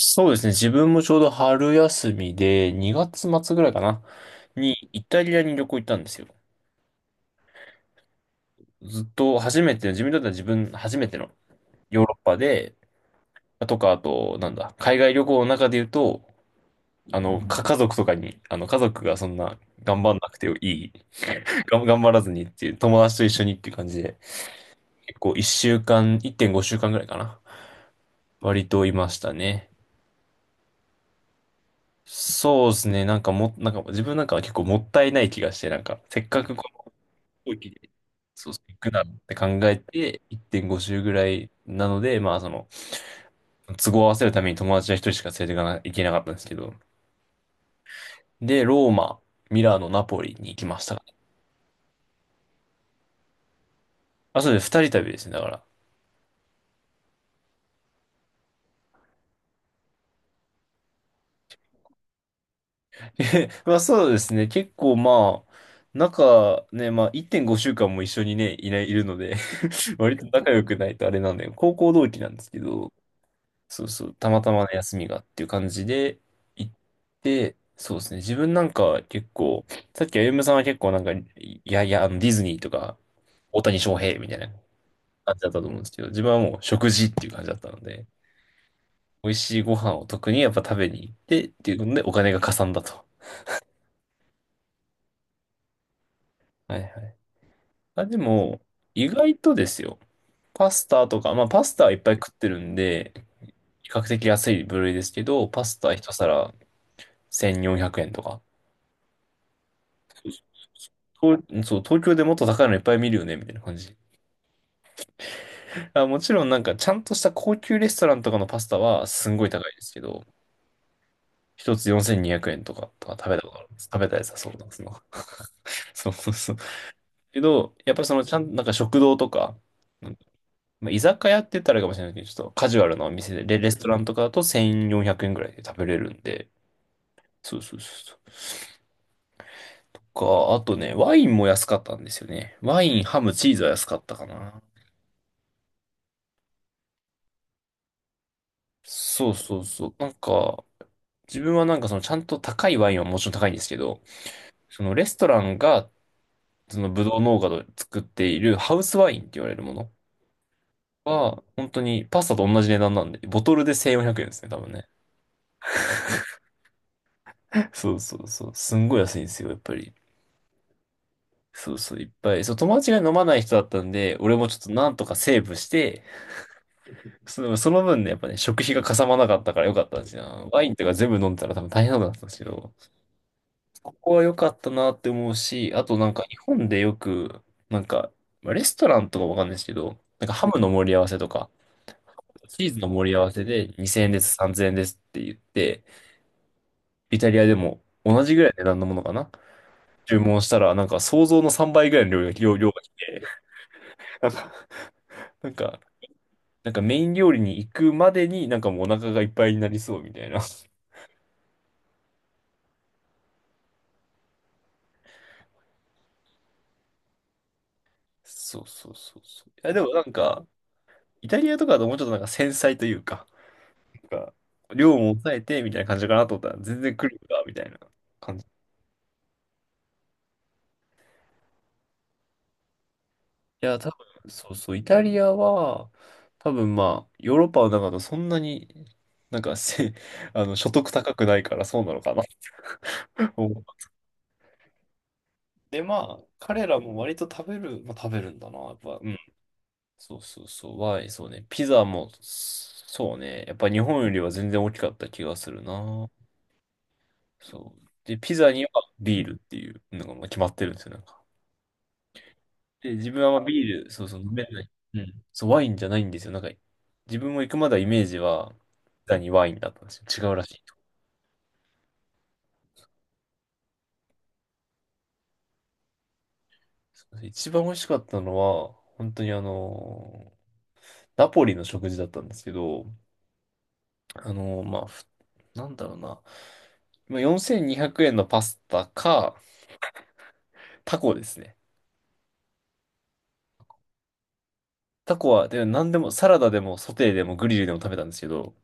そうですね。自分もちょうど春休みで、2月末ぐらいかな、にイタリアに旅行行ったんですよ。ずっと初めて、自分にとっては初めてのヨーロッパで、とか、あと、なんだ、海外旅行の中で言うと、か家族とかに、あの、家族がそんな頑張んなくていい、頑張らずにっていう、友達と一緒にっていう感じで、結構1週間、1.5週間ぐらいかな。割といましたね。そうですね。なんかも、なんか自分なんかは結構もったいない気がして、なんか、せっかく飛行機で、そうそう、行くなって考えて、1.5周ぐらいなので、まあその、都合を合わせるために友達は一人しか連れていかな、い行けなかったんですけど。で、ローマ、ミラノ、ナポリに行きましたかね。あ、そうです。二人旅ですね、だから。えまあそうですね。結構まあ、仲ね、まあ1.5週間も一緒にね、いない、いるので 割と仲良くないとあれなんで、高校同期なんですけど、そうそう、たまたまの休みがっていう感じで行って、そうですね、自分なんか結構、さっき歩夢さんは結構なんか、いやいや、あのディズニーとか、大谷翔平みたいな感じだったと思うんですけど、自分はもう食事っていう感じだったので、美味しいご飯を特にやっぱ食べに行ってっていうのでお金がかさんだと。はいはい。あ、でも、意外とですよ、パスタとか、まあパスタはいっぱい食ってるんで、比較的安い部類ですけど、パスタ一皿1400円とか。東そう、東京でもっと高いのいっぱい見るよね、みたいな感じ。あ、もちろんなんか、ちゃんとした高級レストランとかのパスタはすんごい高いですけど、一つ4200円とか、とか食べたことあるんです。食べたやつはそうなんですの。そうそうそう。けど、やっぱりその、ちゃん、なんか食堂とか、うんまあ、居酒屋って言ったらあれかもしれないけど、ちょっとカジュアルなお店で、レストランとかだと1400円ぐらいで食べれるんで、そうそうそうそう。とか、あとね、ワインも安かったんですよね。ワイン、ハム、チーズは安かったかな。そうそうそう。なんか、自分はなんかそのちゃんと高いワインはもちろん高いんですけど、そのレストランがそのブドウ農家で作っているハウスワインって言われるものは、本当にパスタと同じ値段なんで、ボトルで1400円ですね、多分ね。そうそうそう。すんごい安いんですよ、やっぱり。そうそう、いっぱい。そう、友達が飲まない人だったんで、俺もちょっとなんとかセーブして、その、その分ね、やっぱね、食費がかさまなかったからよかったんですよ。ワインとか全部飲んでたら多分大変なことだったんですけど、ここは良かったなって思うし、あとなんか日本でよく、なんか、まあレストランとかわかんないですけど、なんかハムの盛り合わせとか、チーズの盛り合わせで2000円です、3000円ですって言って、イタリアでも同じぐらいの値段のものかな注文したら、なんか想像の3倍ぐらいの量が、量が来て、なんか、なんか、なんかメイン料理に行くまでになんかもうお腹がいっぱいになりそうみたいな。そうそうそうそう。いやでもなんか、イタリアとかだともうちょっとなんか繊細というか、か、量も抑えてみたいな感じかなと思ったら、全然来るんだ、みたいな感じ。いや、多分、そうそう、イタリアは、多分まあ、ヨーロッパの中だそんなに、なんかせ、あの、所得高くないからそうなのかな。うん。で、まあ、彼らも割と食べる、まあ、食べるんだな、やっぱ、うん。そうそうそう、はい、そうね。ピザも、そうね。やっぱ日本よりは全然大きかった気がするな。そう。で、ピザにはビールっていうのがまあ決まってるんですよ、なんか。で、自分はまあビール、そうそう、飲めない。うん。そう、ワインじゃないんですよ。なんか、自分も行くまではイメージは、ザにワインだったんですよ。違うらしいと。一番美味しかったのは、本当にあのナポリの食事だったんですけど、あのまあ、なんだろうな。まあ4200円のパスタか、タコですね。タコは、で、何でも、サラダでも、ソテーでも、グリルでも食べたんですけど、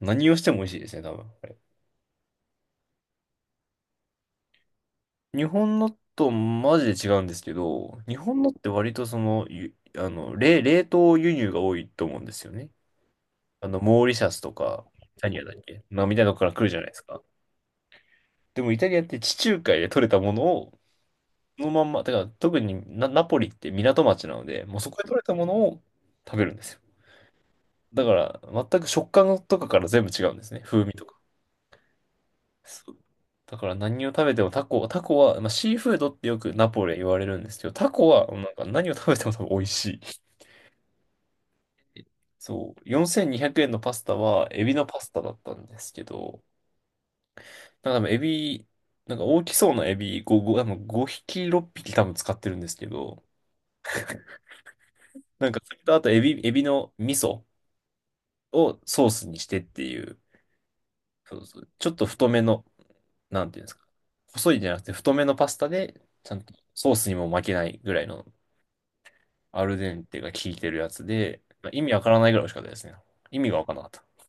何をしても美味しいですね、多分。日本のとマジで違うんですけど、日本のって割とその、ゆあの、冷、冷凍輸入が多いと思うんですよね。あの、モーリシャスとか、イタリアだっけまあ、みたいなとこから来るじゃないですか。でもイタリアって地中海で取れたものを、そのまんま、だから特にナポリって港町なので、もうそこで取れたものを食べるんですよ。だから、全く食感とかから全部違うんですね。風味とか。そうだから何を食べてもタコは、まあ、シーフードってよくナポレ言われるんですけど、タコはなんか何を食べても多分美味しい。そう、4200円のパスタはエビのパスタだったんですけど、なんか多分エビ、なんか大きそうなエビ5、5、多分5匹、6匹多分使ってるんですけど、なんかそれとあとエビの味噌をソースにしてっていう、そうそう、ちょっと太めの、なんていうんですか、細いじゃなくて太めのパスタで、ちゃんとソースにも負けないぐらいのアルデンテが効いてるやつで、まあ意味わからないぐらい美味しかったですね。意味がわからなかった。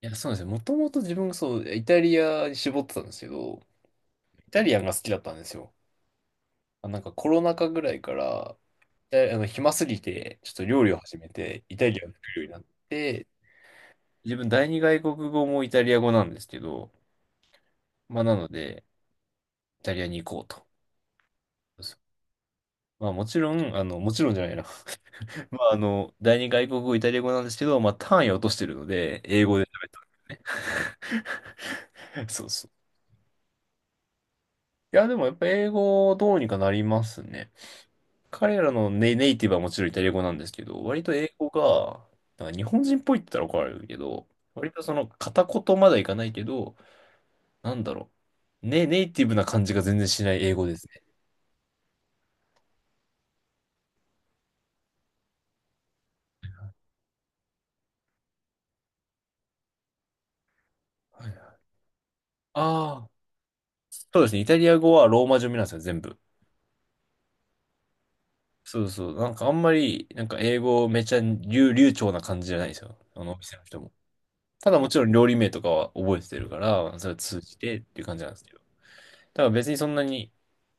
いや、そうなんですよ。もともと自分がそう、イタリアに絞ってたんですけど、イタリアンが好きだったんですよ。あなんかコロナ禍ぐらいから、イタリあの、暇すぎて、ちょっと料理を始めて、イタリアンを作るようになって、自分第二外国語もイタリア語なんですけど、まあなので、イタリアに行こうと。まあもちろん、あの、もちろんじゃないな。まああの、第二外国語イタリア語なんですけど、まあ単位を落としてるので、英語で。そうそう。いや、でもやっぱ英語どうにかなりますね。彼らのネイティブはもちろんイタリア語なんですけど、割と英語が、なんか日本人っぽいって言ったら怒られるけど、割とその片言まではいかないけど、なんだろう。ね、ネイティブな感じが全然しない英語ですね。はい、ああ、そうですね。イタリア語はローマ字読みなんですよ、全部。そうそう。なんかあんまり、なんか英語めちゃ流暢な感じじゃないんですよ。あのお店の人も。ただもちろん料理名とかは覚えてるから、それ通じてっていう感じなんですけど。だから別にそんなに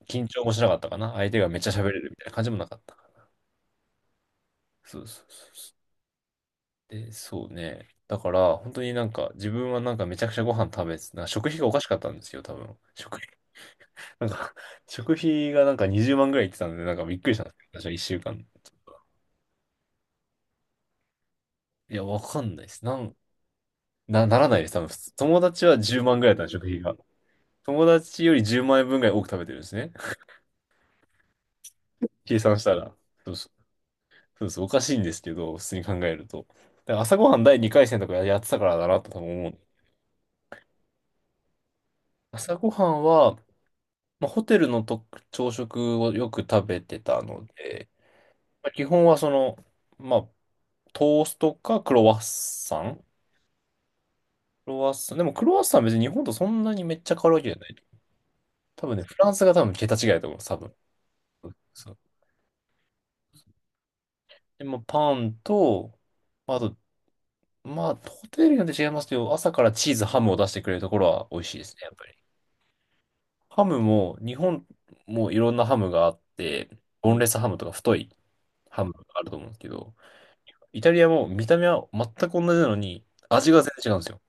緊張もしなかったかな。相手がめっちゃ喋れるみたいな感じもなかったから。そうそうそうそう。で、そうね。だから、本当になんか、自分はなんかめちゃくちゃご飯食べて、なんか食費がおかしかったんですよ、多分。なんか食費がなんか20万ぐらいいってたんで、なんかびっくりしたんですけど、私は1週間。いや、わかんないです。ならないです、多分。普通友達は10万ぐらいだった食費が。友達より10万円分ぐらい多く食べてるんですね。計算したら。そうそう。そうそう、おかしいんですけど、普通に考えると。だから朝ごはん第2回戦とかやってたからだなと多分思う。朝ごはんは、まあ、ホテルのと朝食をよく食べてたので、まあ、基本はその、まあ、トーストかクロワッサン。でもクロワッサンは別に日本とそんなにめっちゃ変わるわけじゃない。多分ね、フランスが多分桁違いだと思う、多分。そう。で、まあ、パンと、まあと、まあ、ホテルによって違いますけど、朝からチーズ、ハムを出してくれるところは美味しいですね、やっぱり。ハムも、日本もいろんなハムがあって、ボンレスハムとか太いハムがあると思うんですけど、イタリアも見た目は全く同じなのに、味が全然違うんですよ。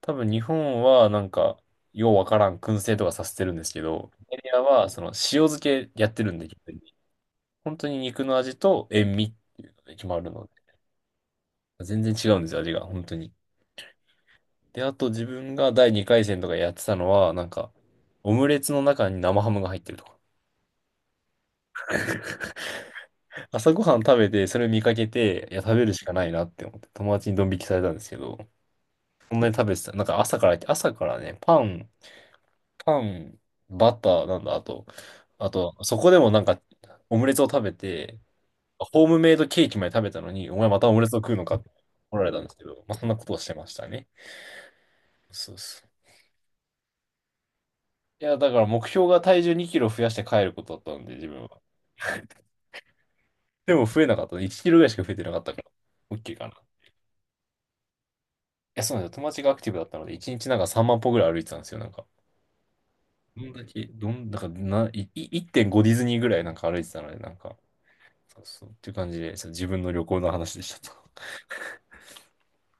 多分日本はなんか、ようわからん燻製とかさせてるんですけど、イタリアはその塩漬けやってるんで、基本的に本当に肉の味と塩味っていうのが決まるので、全然違うんですよ、味が、本当に。で、あと自分が第2回戦とかやってたのは、なんか、オムレツの中に生ハムが入ってるとか。朝ごはん食べて、それ見かけて、いや、食べるしかないなって思って、友達にドン引きされたんですけど、そんなに食べてた。なんか朝からね、パン、パン、バター、なんだ、あと、そこでもなんか、オムレツを食べて、ホームメイドケーキまで食べたのに、お前またオムレツを食うのかって怒られたんですけど、まあ、そんなことをしてましたね。そうそう。いや、だから目標が体重2キロ増やして帰ることだったんで、自分は。でも増えなかったね。1キロぐらいしか増えてなかったから、OK かな。いや、そうなんですよ。友達がアクティブだったので、1日なんか3万歩ぐらい歩いてたんですよ、なんか。どんだけ、どん、だからな、1.5ディズニーぐらいなんか歩いてたので、なんか、そうそう。っていう感じで、そう自分の旅行の話でしたと。